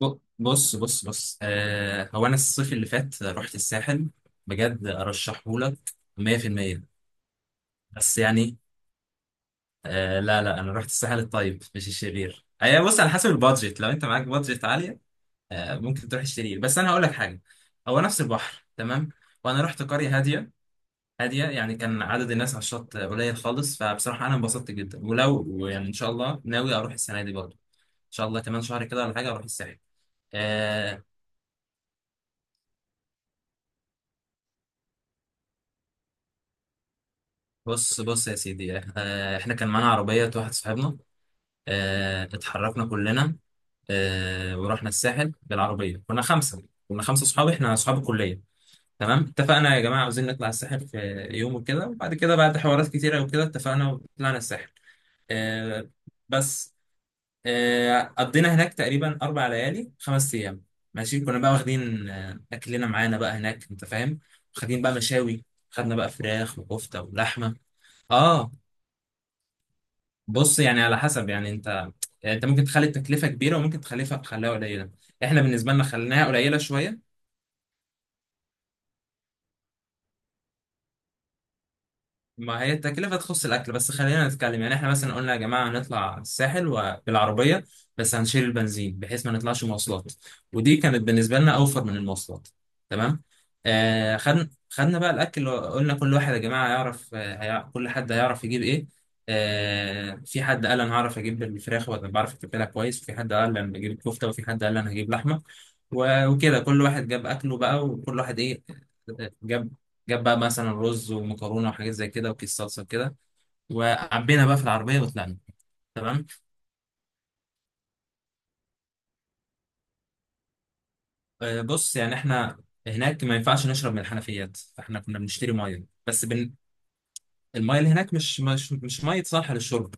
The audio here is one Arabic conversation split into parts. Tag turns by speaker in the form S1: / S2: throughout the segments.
S1: بص هو انا الصيف اللي فات رحت الساحل بجد ارشحه لك 100%. بس يعني لا لا انا رحت الساحل الطيب مش الشرير. اي بص، على حسب البادجت، لو انت معاك بادجت عاليه ممكن تروح الشرير، بس انا هقول لك حاجه. هو نفس البحر تمام، وانا رحت قريه هاديه. هاديه يعني كان عدد الناس على الشط قليل خالص، فبصراحه انا انبسطت جدا. ولو يعني ان شاء الله ناوي اروح السنه دي برضه، ان شاء الله كمان شهر كده ولا حاجه اروح الساحل. آه، بص بص يا سيدي، احنا كان معانا عربية واحد صاحبنا، اه اتحركنا كلنا، اه ورحنا الساحل بالعربية. كنا خمسة، كنا خمسة صحاب، احنا صحاب الكلية. تمام، اتفقنا يا جماعة عاوزين نطلع الساحل في يوم وكده، وبعد كده بعد حوارات كتيرة وكده اتفقنا وطلعنا الساحل. اه بس اه قضينا هناك تقريبا أربع ليالي خمس أيام. ماشي، كنا بقى واخدين أكلنا معانا بقى هناك أنت فاهم، واخدين بقى مشاوي، خدنا بقى فراخ وكفتة ولحمة. اه بص، يعني على حسب يعني انت، يعني انت ممكن تخلي التكلفه كبيره وممكن تخليها قليله. احنا بالنسبه لنا خليناها قليله شويه. ما هي التكلفة تخص الأكل بس. خلينا نتكلم يعني إحنا مثلا قلنا يا جماعة هنطلع الساحل وبالعربية، بس هنشيل البنزين بحيث ما نطلعش مواصلات، ودي كانت بالنسبة لنا أوفر من المواصلات. تمام. خدنا بقى الأكل، قلنا كل واحد يا جماعة يعرف كل حد هيعرف يجيب إيه. في حد قال أنا هعرف أجيب الفراخ وأنا بعرف أتبلها كويس، وفي حد قال أنا هجيب الكفتة، وفي حد قال أنا هجيب لحمة. وكده كل واحد جاب أكله بقى، وكل واحد إيه، جاب بقى مثلا رز ومكرونه وحاجات زي كده وكيس صلصه كده، وعبينا بقى في العربيه وطلعنا. تمام. بص يعني احنا هناك ما ينفعش نشرب من الحنفيات، فاحنا كنا بنشتري ميه بس الميه اللي هناك مش ميه صالحه للشرب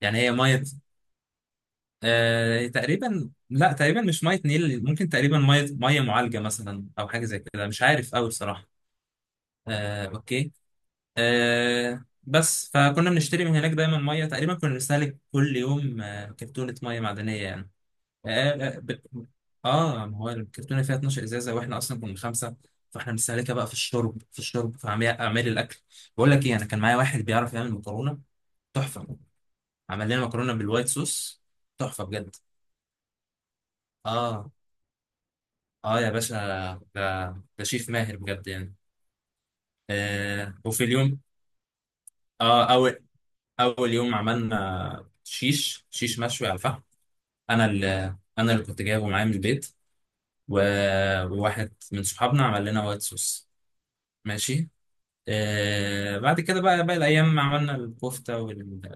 S1: يعني. هي ميه، تقريبا مش ميه نيل، ممكن تقريبا ميه معالجه مثلا او حاجه زي كده، مش عارف قوي بصراحه. اوكي. بس فكنا بنشتري من هناك دايما ميه. تقريبا كنا بنستهلك كل يوم كرتونه ميه معدنيه يعني. اه لا، ب- اه ما هو الكرتونه فيها 12 ازازه، واحنا اصلا كنا خمسه، فاحنا مستهلكه بقى في الشرب، في اعمال الاكل. بقول لك ايه، انا كان معايا واحد بيعرف يعمل مكرونه تحفه، عمل لنا مكرونه بالوايت صوص. تحفه بجد. اه اه يا باشا، ده ده شيف ماهر بجد يعني. آه وفي اليوم اه اول اول يوم عملنا شيش مشوي على الفحم. انا اللي كنت جايبه معايا من البيت و... وواحد من صحابنا عمل لنا وايت صوص. ماشي. بعد كده بقى باقي الأيام عملنا الكفتة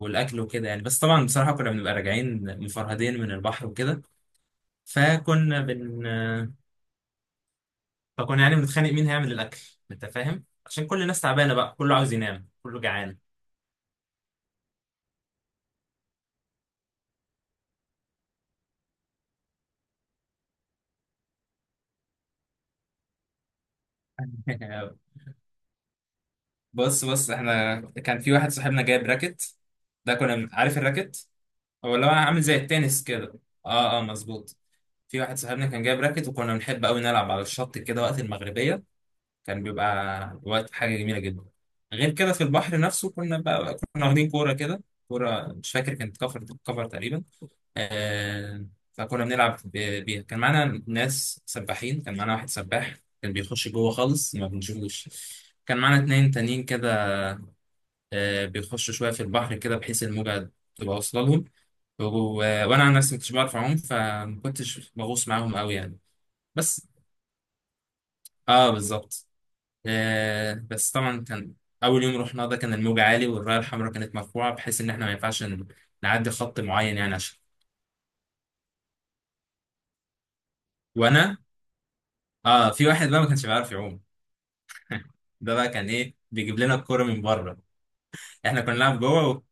S1: والأكل وكده يعني. بس طبعا بصراحة كنا بنبقى راجعين مفرهدين من البحر وكده، فكنا بن آه، فكنا يعني بنتخانق مين هيعمل الأكل، أنت فاهم، عشان كل الناس تعبانة بقى، كله عاوز ينام كله جعان. بص بص، احنا كان في واحد صاحبنا جايب راكت. عارف الراكت؟ هو اللي هو عامل زي التنس كده. اه اه مظبوط. في واحد صاحبنا كان جايب راكت، وكنا بنحب قوي نلعب على الشط كده وقت المغربية، كان بيبقى وقت حاجة جميلة جدا. غير كده في البحر نفسه كنا بقى كنا واخدين كورة كده. كورة مش فاكر كانت كفر، كفر تقريبا. آه فكنا بنلعب بيها. كان معانا ناس سباحين، كان معانا واحد سباح كان بيخش جوه خالص ما بنشوفوش. كان معانا اتنين تانيين كده بيخشوا شوية في البحر كده بحيث الموجة تبقى واصلة لهم. و- وانا عن نفسي ما كنتش بعرف اعوم، فما كنتش بغوص معاهم قوي يعني. بس اه بالظبط. آه بس طبعا كان اول يوم رحنا ده كان الموج عالي والرايه الحمراء كانت مرفوعه، بحيث ان احنا ما ينفعش نعدي خط معين يعني عشان. وانا اه في واحد بقى ما كانش بيعرف يعوم. ده بقى كان ايه، بيجيب لنا الكوره من بره. احنا كنا بنلعب جوه و...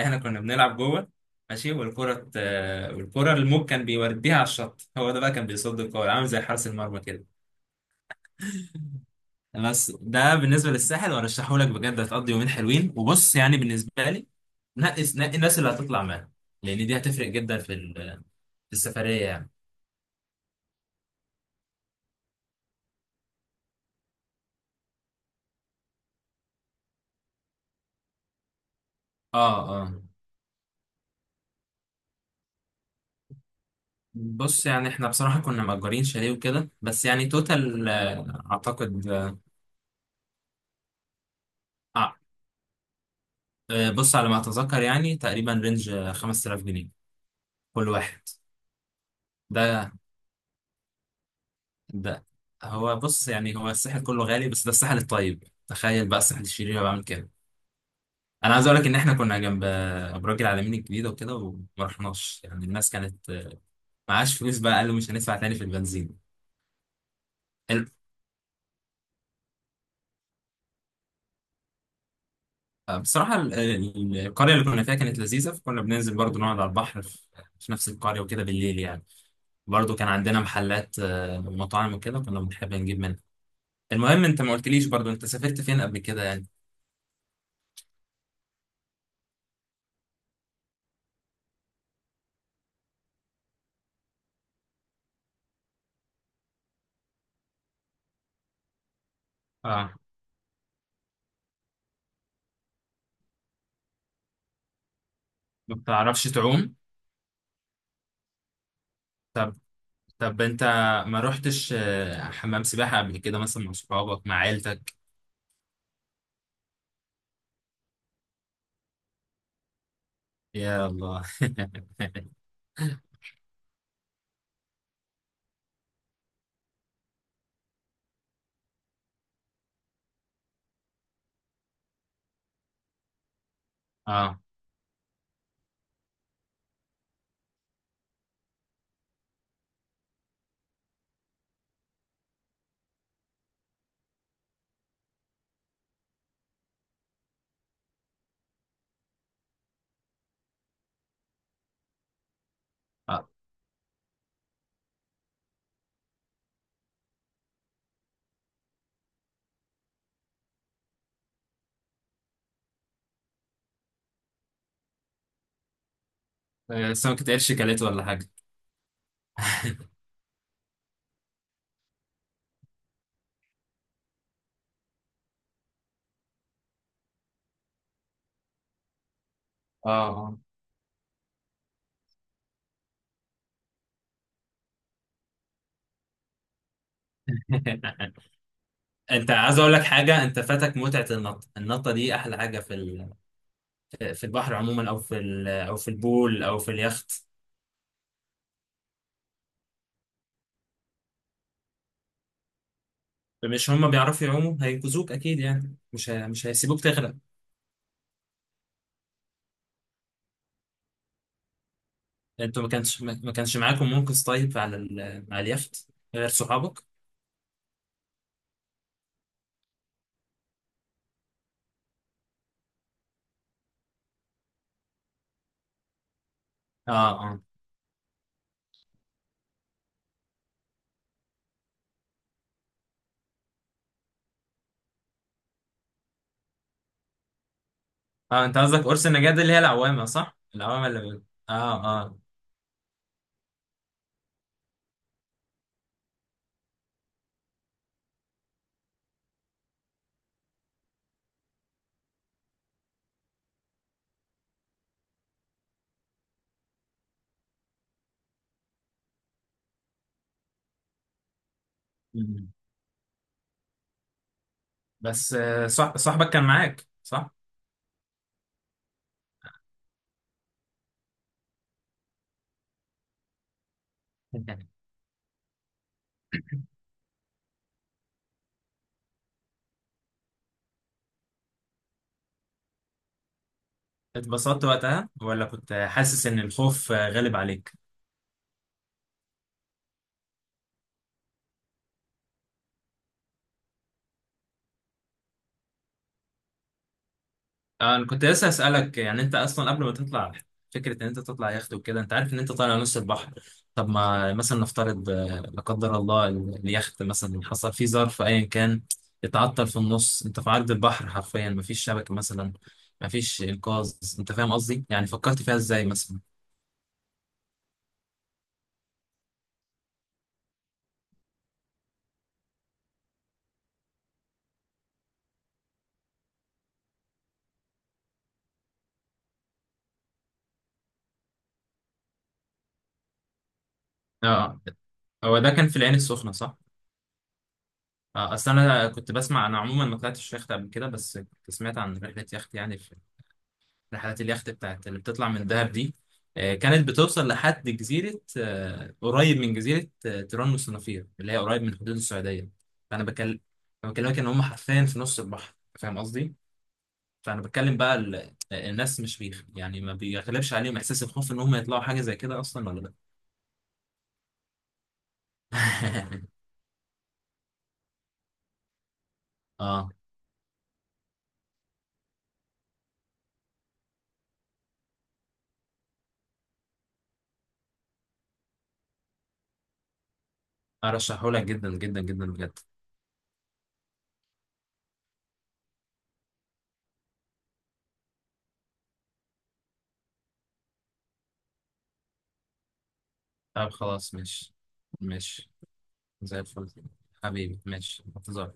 S1: احنا كنا بنلعب جوه، ماشي، والكره ت- آه، والكره الموج كان بيوديها على الشط، هو ده بقى كان بيصد الكوره عامل زي حارس المرمى كده. بس ده بالنسبه للساحل، وارشحه لك بجد، هتقضي يومين حلوين. وبص يعني بالنسبه لي، نقي الناس اللي هتطلع معاها، لان دي هتفرق جدا في في السفريه يعني. اه اه بص يعني، احنا بصراحه كنا مأجرين شاليه وكده، بس يعني توتال اعتقد اه، بص على ما اتذكر يعني تقريبا رينج 5000 جنيه كل واحد. ده ده هو بص يعني، هو الساحل كله غالي، بس ده الساحل الطيب، تخيل بقى الساحل الشرير بعمل كده. انا عايز اقول لك ان احنا كنا جنب ابراج العالمين الجديده وكده وما رحناش، يعني الناس كانت معاش فلوس بقى، قالوا مش هندفع تاني في البنزين. ال- القريه اللي كنا فيها كانت لذيذه، فكنا بننزل برضو نقعد على البحر في في نفس القريه وكده بالليل يعني. برضو كان عندنا محلات ومطاعم وكده كنا بنحب نجيب منها. المهم انت ما قلتليش برضو انت سافرت فين قبل كده يعني؟ اه ما بتعرفش تعوم؟ طب طب انت ما رحتش حمام سباحه قبل كده مثلا مع صحابك مع عيلتك؟ يا الله. اه اه سمكة قرش كلته ولا حاجة؟ اه اه. انت عايز اقول لك حاجة، انت فاتك متعة النط، النطة دي احلى حاجة في في البحر عموما، او في او في البول او في اليخت. مش هم بيعرفوا يعوموا، هينقذوك اكيد يعني، مش هيسيبوك تغرق. انتوا ما كانش ما كانش معاكم منقذ طيب على على اليخت؟ غير صحابك؟ اه اه اه، انت قصدك قرص النجاة دي اللي هي العوامة صح؟ العوامة اللي. اه اه. مم. بس صاحبك كان معاك صح؟ اتبسطت وقتها ولا كنت حاسس ان الخوف غالب عليك؟ انا كنت لسه اسالك يعني، انت اصلا قبل ما تطلع، فكره ان انت تطلع يخت وكده، انت عارف ان انت طالع نص البحر. طب ما مثلا نفترض لا قدر الله اليخت مثلا حصل فيه ظرف ايا كان، اتعطل في النص، انت في عرض البحر حرفيا، مفيش شبكه مثلا، مفيش انقاذ، انت فاهم قصدي يعني؟ فكرت فيها ازاي مثلا؟ اه، هو ده كان في العين السخنه صح؟ اصل انا كنت بسمع، انا عموما ما طلعتش يخت قبل كده، بس كنت سمعت عن رحله يخت يعني، رحلات اليخت بتاعت اللي بتطلع من دهب دي كانت بتوصل لحد جزيرة قريب من جزيرة تيران والصنافير، اللي هي قريب من حدود السعودية. فأنا بكلم بكلمك إن هم حرفيا في نص البحر، فاهم قصدي؟ فأنا بتكلم بقى ال... آه، الناس مش بيخ... يعني ما بيغلبش عليهم إحساس الخوف إن هم يطلعوا حاجة زي كده أصلا ولا لأ؟ آه أرشحهولك جدا جدا جدا بجد. طب خلاص ماشي. ماشي، زي الفل. حبيبي ماشي، انتظار.